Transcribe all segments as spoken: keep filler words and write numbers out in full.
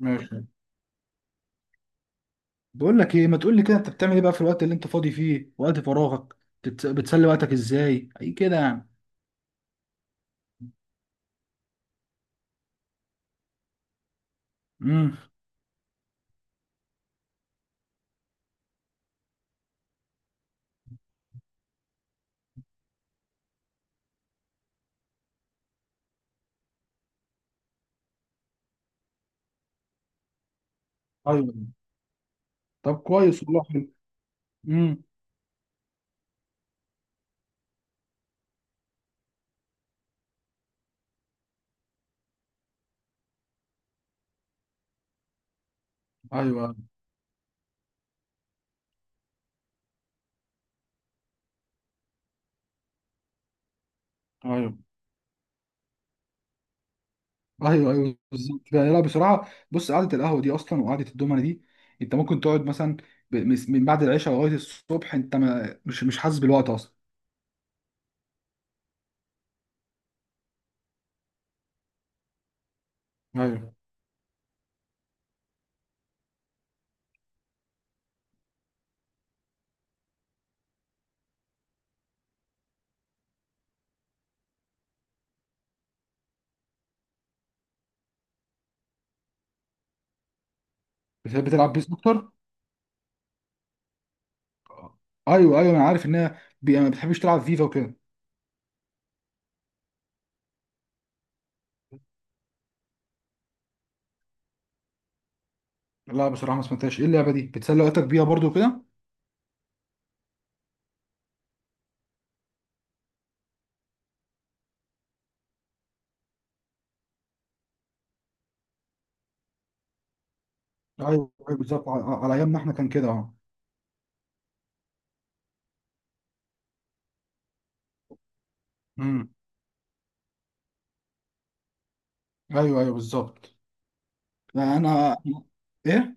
ماشي. بقول لك ايه، ما تقول لي كده انت بتعمل ايه بقى في الوقت اللي انت فاضي فيه؟ وقت فراغك بت- بتسلي وقتك ازاي اي كده يعني؟ امم ايوه. طب كويس والله، حلو. امم ايوه ايوه ايوه ايوه بالظبط كده. لا بصراحه، بص قعده القهوه دي اصلا وقعده الدومنه دي، انت ممكن تقعد مثلا ب- مس- من بعد العشاء لغايه الصبح، انت ما مش مش حاسس بالوقت اصلا. ايوه، بتحب تلعب بيس اكتر؟ ايوه ايوه، انا عارف انها بي- ما بتحبش تلعب فيفا وكده. لا بصراحه ما سمعتهاش، ايه اللعبه دي؟ بتسلي وقتك بيها برضو كده؟ ايوه، أيوة بالظبط، على على ايامنا احنا كان كده اه. امم ايوه ايوه بالظبط. لا انا، ايه؟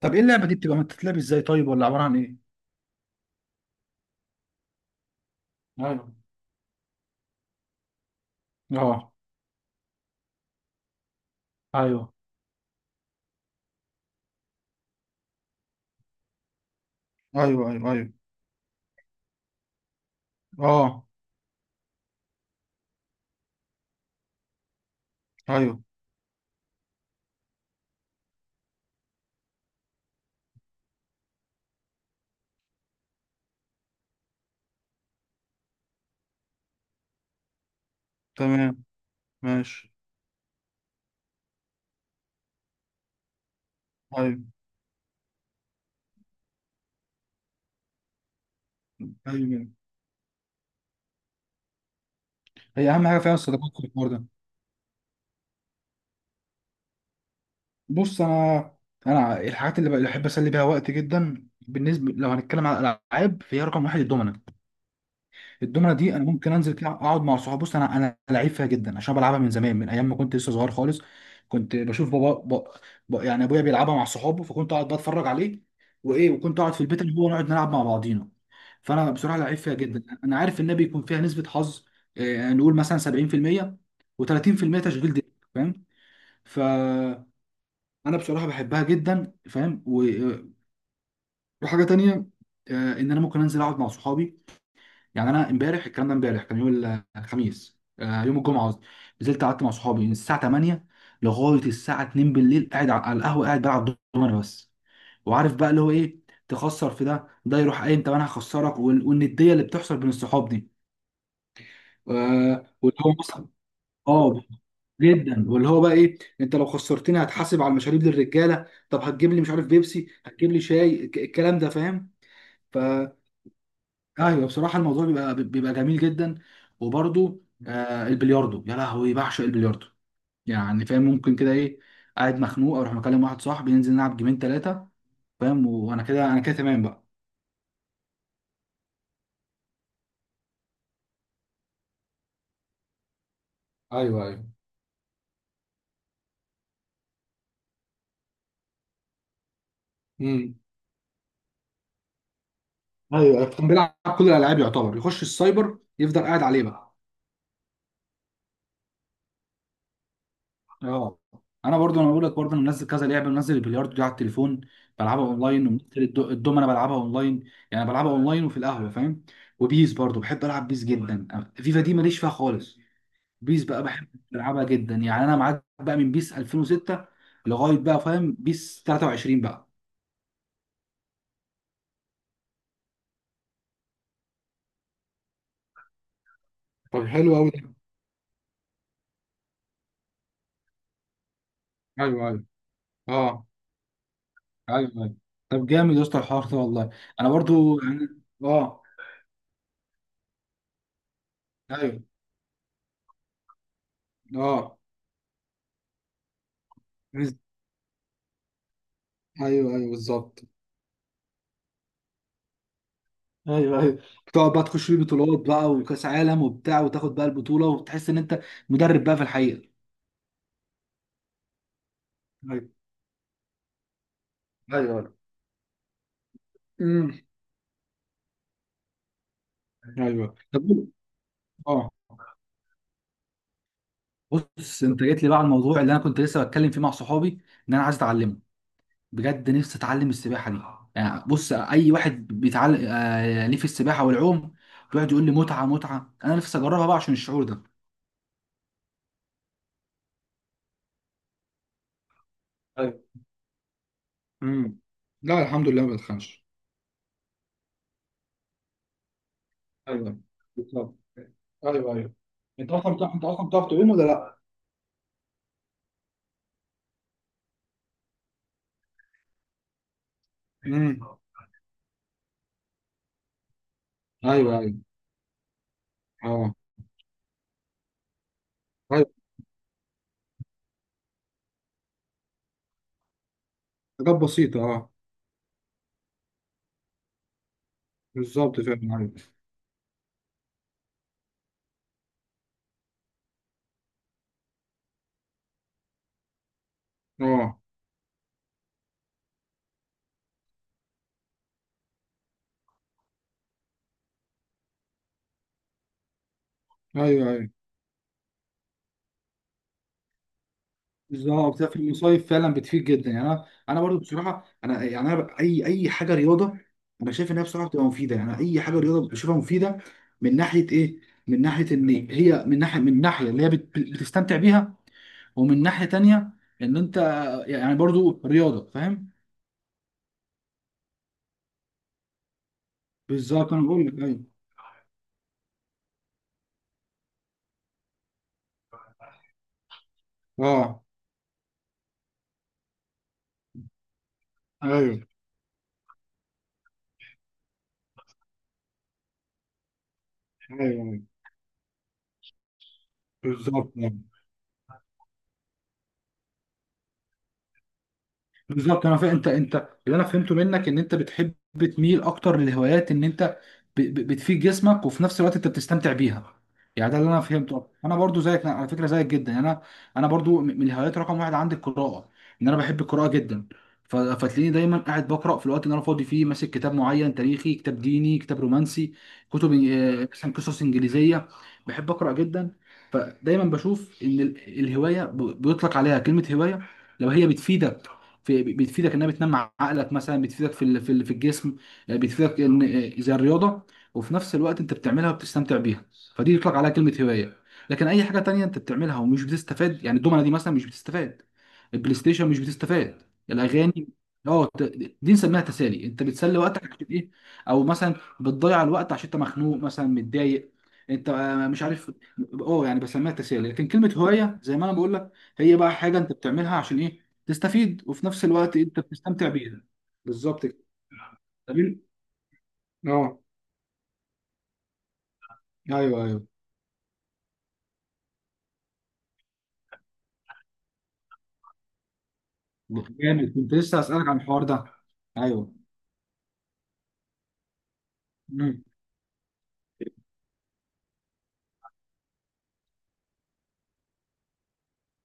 طب ايه اللعبه دي؟ بتبقى بتتلعب ازاي طيب؟ ولا عباره عن ايه؟ ايوه. اه. ايوه ايوه ايوه ايوه. اه. ايوه. تمام. ماشي. ايوه ايوه أيوة. هي اهم حاجه فيها الصداقات في الحوار ده. بص انا، انا الحاجات اللي بحب اسلي بيها وقت جدا، بالنسبه لو هنتكلم على الالعاب، فهي رقم واحد الدومنه. الدومنه دي انا ممكن انزل كده اقعد مع صحابي. بص انا، انا لعيب فيها جدا عشان بلعبها من زمان، من ايام ما كنت لسه صغير خالص. كنت بشوف بابا ب... ب... يعني ابويا بيلعبها مع صحابه، فكنت اقعد بتفرج عليه وايه، وكنت اقعد في البيت اللي هو نقعد نلعب مع بعضينا. فانا بصراحه لعيب فيها جدا. انا عارف انها بيكون فيها نسبه حظ، آه، يعني نقول مثلا سبعين في المية و30% تشغيل دماغ، فاهم؟ فانا بصراحه بحبها جدا فاهم. و- آه، وحاجه تانيه، آه، ان انا ممكن انزل اقعد مع صحابي. يعني انا امبارح، الكلام ده امبارح، كان يوم ال- الخميس، آه، يوم الجمعه قصدي. نزلت قعدت مع صحابي من الساعه تمانية لغايه الساعه اتنين بالليل، قاعد على على القهوه قاعد بلعب دومنه بس. وعارف بقى اللي هو ايه؟ تخسر في ده، ده يروح قايم، طب انا هخسرك. وال- والنديه اللي بتحصل بين الصحاب دي، آه، واللي هو مثلا اه جدا، واللي هو بقى ايه؟ انت لو خسرتني هتحاسب على المشاريب للرجاله، طب هتجيب لي مش عارف بيبسي، هتجيب لي شاي، الك- الكلام ده فاهم. ايوه بصراحه الموضوع بيبقى بيبقى جميل جدا. وبرده آه، البلياردو، يا لهوي بعشق البلياردو. يعني فاهم، ممكن كده ايه، قاعد مخنوق اروح مكلم واحد صاحبي ننزل نلعب جيمين ثلاثه، فاهم؟ وانا كده، انا كده تمام بقى. ايوه ايوه. امم ايوه، كان بيلعب كل الالعاب يعتبر، يخش السايبر يفضل قاعد عليه بقى. اه انا برضو، انا بقول لك برضو انا منزل كذا لعبه، منزل البلياردو دي على التليفون بلعبها اونلاين، ومنزل الد- الدومنه بلعبها اونلاين، يعني بلعبها اونلاين وفي القهوه فاهم. وبيس برضو بحب العب بيس جدا، فيفا دي ماليش فيها خالص. بيس بقى بحب العبها جدا، يعني انا معاك بقى من بيس الفين وستة لغايه بقى فاهم بيس تلاتة وعشرين بقى. طب حلو قوي ده. ايوه ايوه. اه. ايوه ايوه. طب جامد يا اسطى الحوار ده والله. انا برضو يعني اه. ايوه. اه. ايوه ايوه بالظبط. ايوه ايوه. بتقعد بقى تخش بيه بطولات بقى وكاس عالم وبتاع، وتاخد بقى البطوله وتحس ان انت مدرب بقى في الحقيقه. ايوه ايوه. امم ايوه. طب قول- اه، بص انت جيت لي بقى على الموضوع اللي انا كنت لسه بتكلم فيه مع صحابي، ان انا عايز اتعلمه. بجد نفسي اتعلم السباحه دي. يعني بص، اي واحد بيتعلم آه ليه في السباحه والعوم، بيقعد يقول لي متعه متعه، انا نفسي اجربها بقى عشان الشعور ده. ايوه. امم لا الحمد لله ما بتخنش. ايوه. بالظبط. ايوه ايوه. انت اصلا بتعرف، انت اصلا بتعرف تعوم ولا لا؟ امم ايوه ايوه. اه. ايوه، حاجات بسيطه اه. بالظبط فعلا ايوه. اه. ايوه ايوه بالظبط. لا، في المصايف فعلا بتفيد جدا، يعني انا، انا برضو بصراحه انا، يعني انا ب- اي اي حاجه رياضه، انا شايف انها بصراحه بتبقى مفيده، يعني اي حاجه رياضه بشوفها مفيده. من ناحيه ايه؟ من ناحيه ان هي، من ناحيه من ناحيه اللي هي بت- بتستمتع بيها، ومن ناحيه تانيه ان انت يعني برضو رياضه، فاهم؟ بالظبط انا بقول لك أيوة. اه. ايوه ايوه أيوة. بالظبط آه. بالظبط انا فاهم. انت انت، اللي انا فهمته منك، ان انت بتحب تميل اكتر للهوايات، ان انت ب... ب... بتفيد جسمك وفي نفس الوقت انت بتستمتع بيها. يعني ده اللي انا فهمته. انا برضو زيك، أنا على فكره زيك جدا. يعني انا، انا برضو م- من الهوايات رقم واحد عندي القراءه، ان انا بحب القراءه جدا. ف... فتلاقيني دايما قاعد بقرا في الوقت اللي انا فاضي فيه، ماسك كتاب معين، تاريخي، كتاب ديني، كتاب رومانسي، كتب آه، مثلا قصص انجليزيه. بحب اقرا جدا. فدايما بشوف ان ال- الهوايه ب... بيطلق عليها كلمه هوايه لو هي بتفيدك، في بتفيدك انها بتنمي عقلك مثلا، بتفيدك في ال- في ال- في الجسم، آه، بتفيدك ان آه، زي الرياضه، وفي نفس الوقت انت بتعملها وبتستمتع بيها، فدي يطلق عليها كلمه هوايه. لكن اي حاجه تانية انت بتعملها ومش بتستفاد، يعني الدومنه دي مثلا مش بتستفاد، البلاي ستيشن مش بتستفاد، الاغاني اه ت-، دي نسميها تسالي، انت بتسلي وقتك عشان ايه، او مثلا بتضيع الوقت عشان انت مخنوق مثلا متضايق، انت آه، مش عارف. اه، يعني بسميها تسالي. لكن كلمه هوايه زي ما انا بقول لك، هي بقى حاجه انت بتعملها عشان ايه؟ تستفيد وفي نفس الوقت انت بتستمتع بيها. بالظبط كده. طب إن- اه، ايوه ايوه. جامد، كنت لسه هسألك عن الحوار ده. ايوه. مم.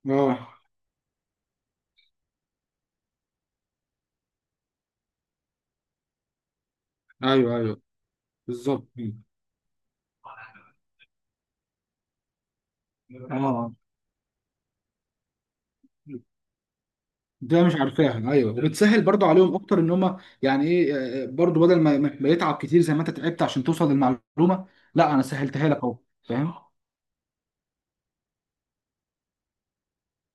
اه. ايوه ايوه بالظبط. مم. اه، ده مش عارفاها، ايوه، وبتسهل برضو عليهم اكتر ان هم يعني ايه، آه، آه، برضو بدل ما ما ما يتعب كتير زي ما انت تعبت عشان توصل للمعلومه، لا انا سهلتها لك اهو، فاهم.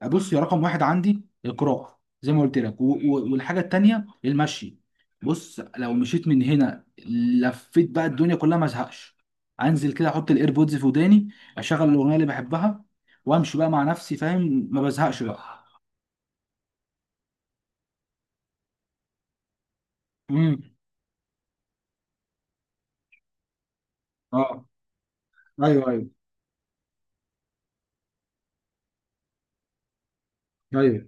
بص يا، رقم واحد عندي القراءة زي ما قلت لك، و- و- والحاجة التانية المشي. بص لو مشيت من هنا لفيت بقى الدنيا كلها ما ازهقش. انزل كده احط الايربودز في وداني، اشغل الاغنية اللي بحبها، وامشي بقى مع نفسي فاهم، ما بزهقش بقى. امم اه. ايوه ايوه ايوه.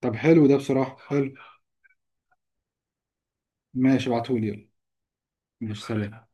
طب حلو ده بصراحة، حلو. ماشي ابعتهولي يلا. ماشي، سلام.